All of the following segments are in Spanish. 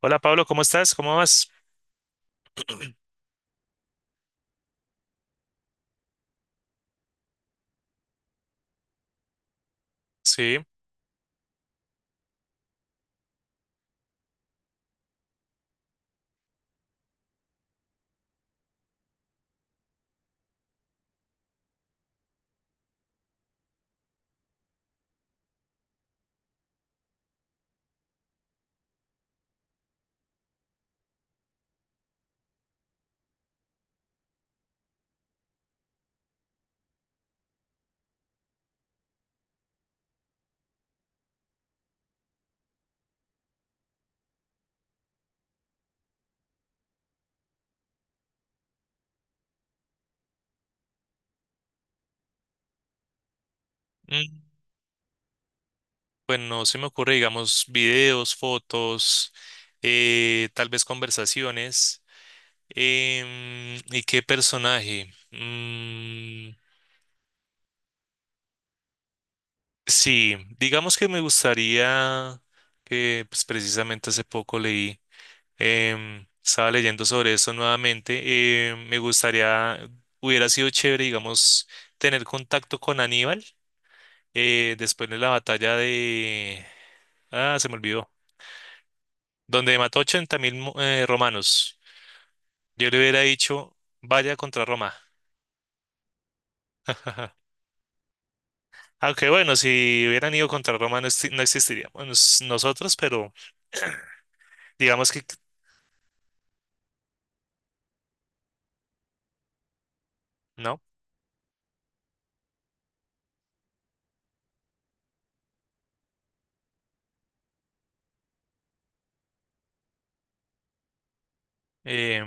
Hola Pablo, ¿cómo estás? ¿Cómo vas? Sí, mm, pues no se me ocurre, digamos, videos, fotos, tal vez conversaciones. ¿Y qué personaje? Mm, sí, digamos que me gustaría que pues, precisamente hace poco leí, estaba leyendo sobre eso nuevamente. Me gustaría, hubiera sido chévere, digamos, tener contacto con Aníbal después de la batalla de. Ah, se me olvidó. Donde mató 80.000 romanos. Yo le hubiera dicho, vaya contra Roma. Aunque bueno, si hubieran ido contra Roma no, no existiríamos nosotros, pero digamos que no. Eh,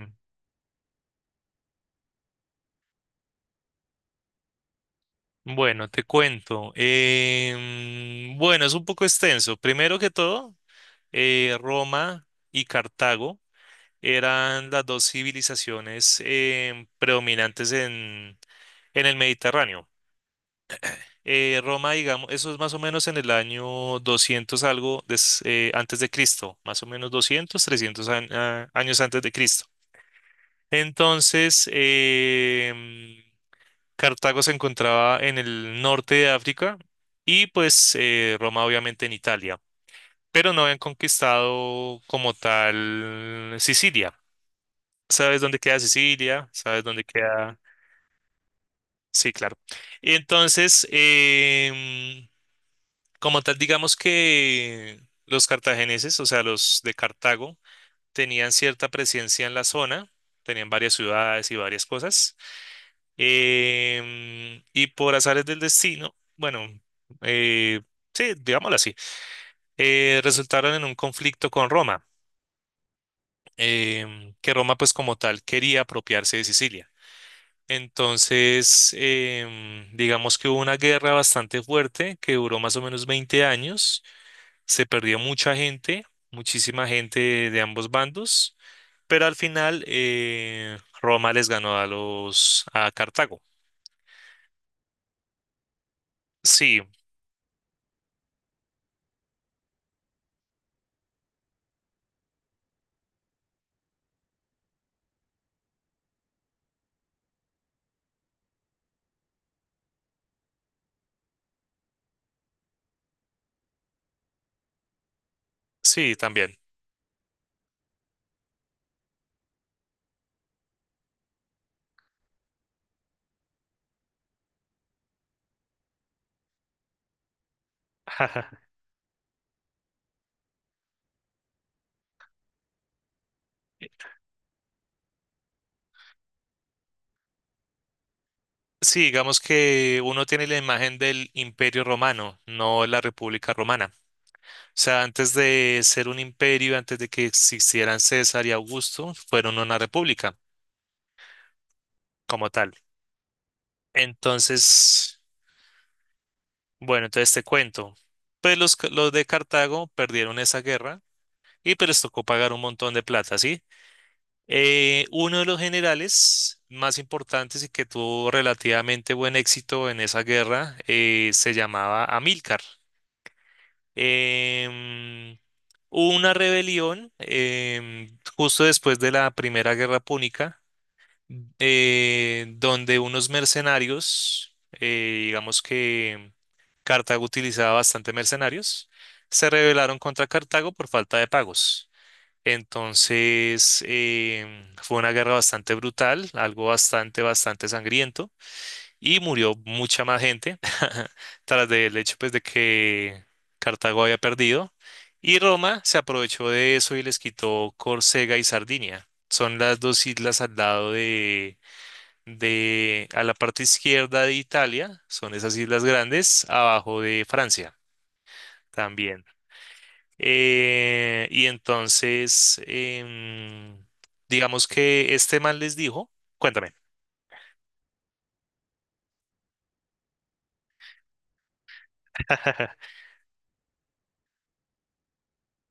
bueno, te cuento. Bueno, es un poco extenso. Primero que todo, Roma y Cartago eran las dos civilizaciones predominantes en el Mediterráneo. Roma, digamos, eso es más o menos en el año doscientos algo antes de Cristo, más o menos 200, 300 años antes de Cristo. Entonces, Cartago se encontraba en el norte de África y pues Roma obviamente en Italia, pero no habían conquistado como tal Sicilia. ¿Sabes dónde queda Sicilia? ¿Sabes dónde queda? Sí, claro. Entonces, como tal, digamos que los cartagineses, o sea, los de Cartago, tenían cierta presencia en la zona, tenían varias ciudades y varias cosas. Y por azares del destino, bueno, eh, sí, digámoslo así, resultaron en un conflicto con Roma, que Roma pues como tal quería apropiarse de Sicilia. Entonces, digamos que hubo una guerra bastante fuerte que duró más o menos 20 años. Se perdió mucha gente, muchísima gente de ambos bandos, pero al final Roma les ganó a Cartago. Sí, sí, también. Sí, digamos que uno tiene la imagen del Imperio Romano, no la República Romana. O sea, antes de ser un imperio, antes de que existieran César y Augusto, fueron una república como tal. Entonces, bueno, entonces te cuento. Pues los de Cartago perdieron esa guerra y pues les tocó pagar un montón de plata, ¿sí? Uno de los generales más importantes y que tuvo relativamente buen éxito en esa guerra se llamaba Amílcar. Em, hubo una rebelión justo después de la Primera Guerra Púnica, donde unos mercenarios, digamos que Cartago utilizaba bastante mercenarios, se rebelaron contra Cartago por falta de pagos. Entonces, fue una guerra bastante brutal, algo bastante, bastante sangriento, y murió mucha más gente tras del hecho pues, de que Cartago había perdido, y Roma se aprovechó de eso y les quitó Córcega y Sardinia. Son las dos islas al lado de, a la parte izquierda de Italia, son esas islas grandes, abajo de Francia también. Y entonces, digamos que este man les dijo. Cuéntame.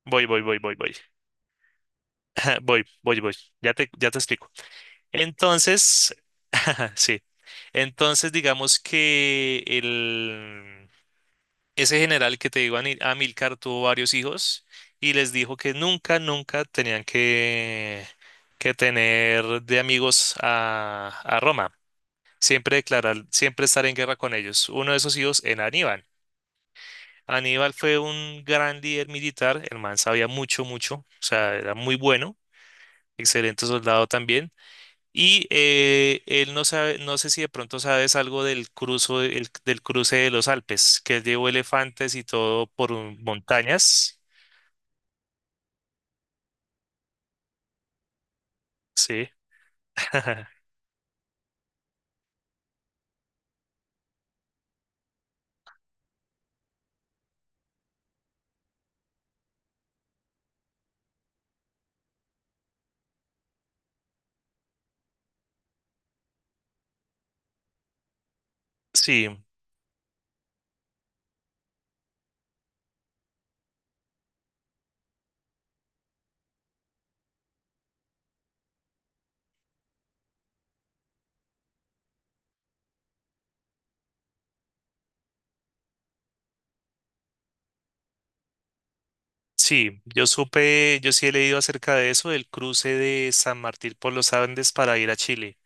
Voy, voy, voy, voy, voy. Voy, voy, voy. Ya te explico. Entonces, sí. Entonces, digamos que ese general que te digo, Amílcar, tuvo varios hijos y les dijo que nunca, nunca tenían que tener de amigos a Roma. Siempre declarar, siempre estar en guerra con ellos. Uno de esos hijos en Aníbal. Aníbal fue un gran líder militar, el man sabía mucho, mucho, o sea, era muy bueno, excelente soldado también. Y él no sabe, no sé si de pronto sabes algo del cruce de los Alpes, que él llevó elefantes y todo por montañas. Sí. Sí, sí, yo sí he leído acerca de eso, del cruce de San Martín por los Andes para ir a Chile.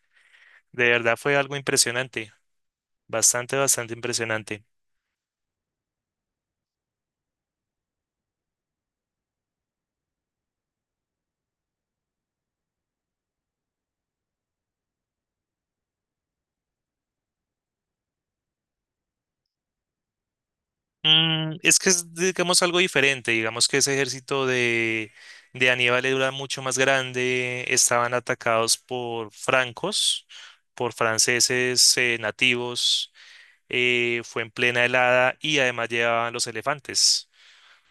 De verdad fue algo impresionante, bastante, bastante impresionante. Es que es, digamos, algo diferente, digamos que ese ejército de Aníbal era mucho más grande, estaban atacados por franceses nativos, fue en plena helada y además llevaban los elefantes.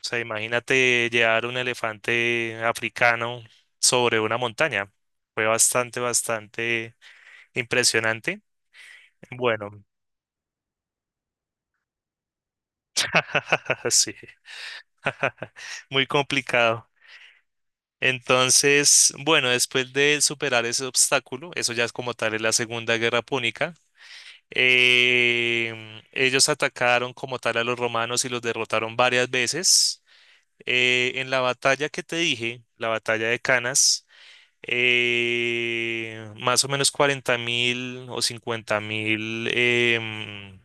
O sea, imagínate llevar un elefante africano sobre una montaña. Fue bastante, bastante impresionante. Bueno. Sí, muy complicado. Entonces, bueno, después de superar ese obstáculo, eso ya es como tal es la Segunda Guerra Púnica, ellos atacaron como tal a los romanos y los derrotaron varias veces. En la batalla que te dije, la batalla de Canas, más o menos 40 mil o 50 mil em,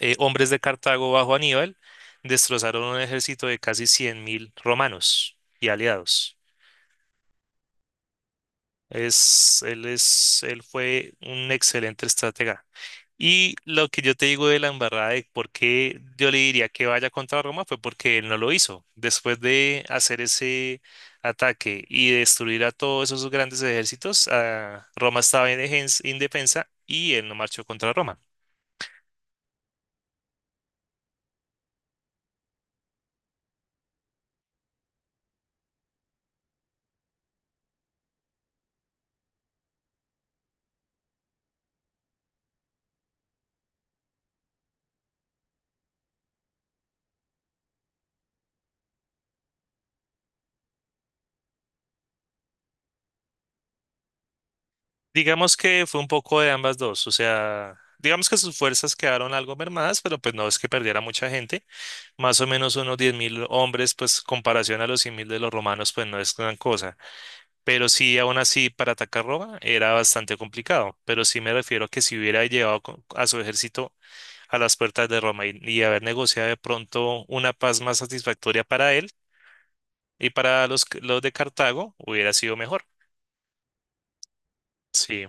eh, hombres de Cartago bajo Aníbal destrozaron un ejército de casi 100.000 romanos y aliados. Él fue un excelente estratega. Y lo que yo te digo de la embarrada de por qué yo le diría que vaya contra Roma fue porque él no lo hizo. Después de hacer ese ataque y destruir a todos esos grandes ejércitos, ah, Roma estaba indefensa y él no marchó contra Roma. Digamos que fue un poco de ambas dos, o sea, digamos que sus fuerzas quedaron algo mermadas, pero pues no es que perdiera mucha gente, más o menos unos 10.000 hombres, pues comparación a los 100.000 de los romanos, pues no es gran cosa, pero sí, aún así, para atacar Roma era bastante complicado, pero sí me refiero a que si hubiera llevado a su ejército a las puertas de Roma y haber negociado de pronto una paz más satisfactoria para él y para los de Cartago, hubiera sido mejor. Sí,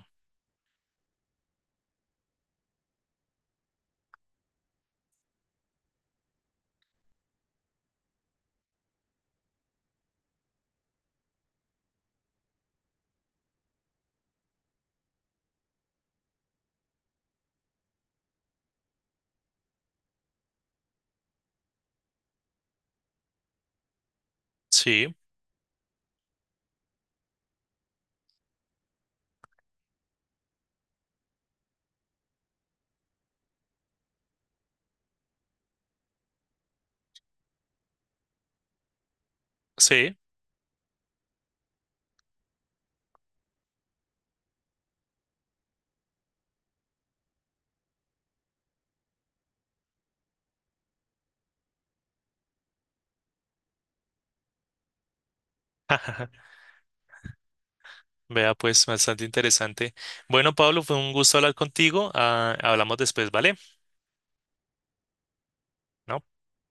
sí, sí. Vea, pues, bastante interesante. Bueno, Pablo, fue un gusto hablar contigo. Ah, hablamos después, ¿vale? ¿No?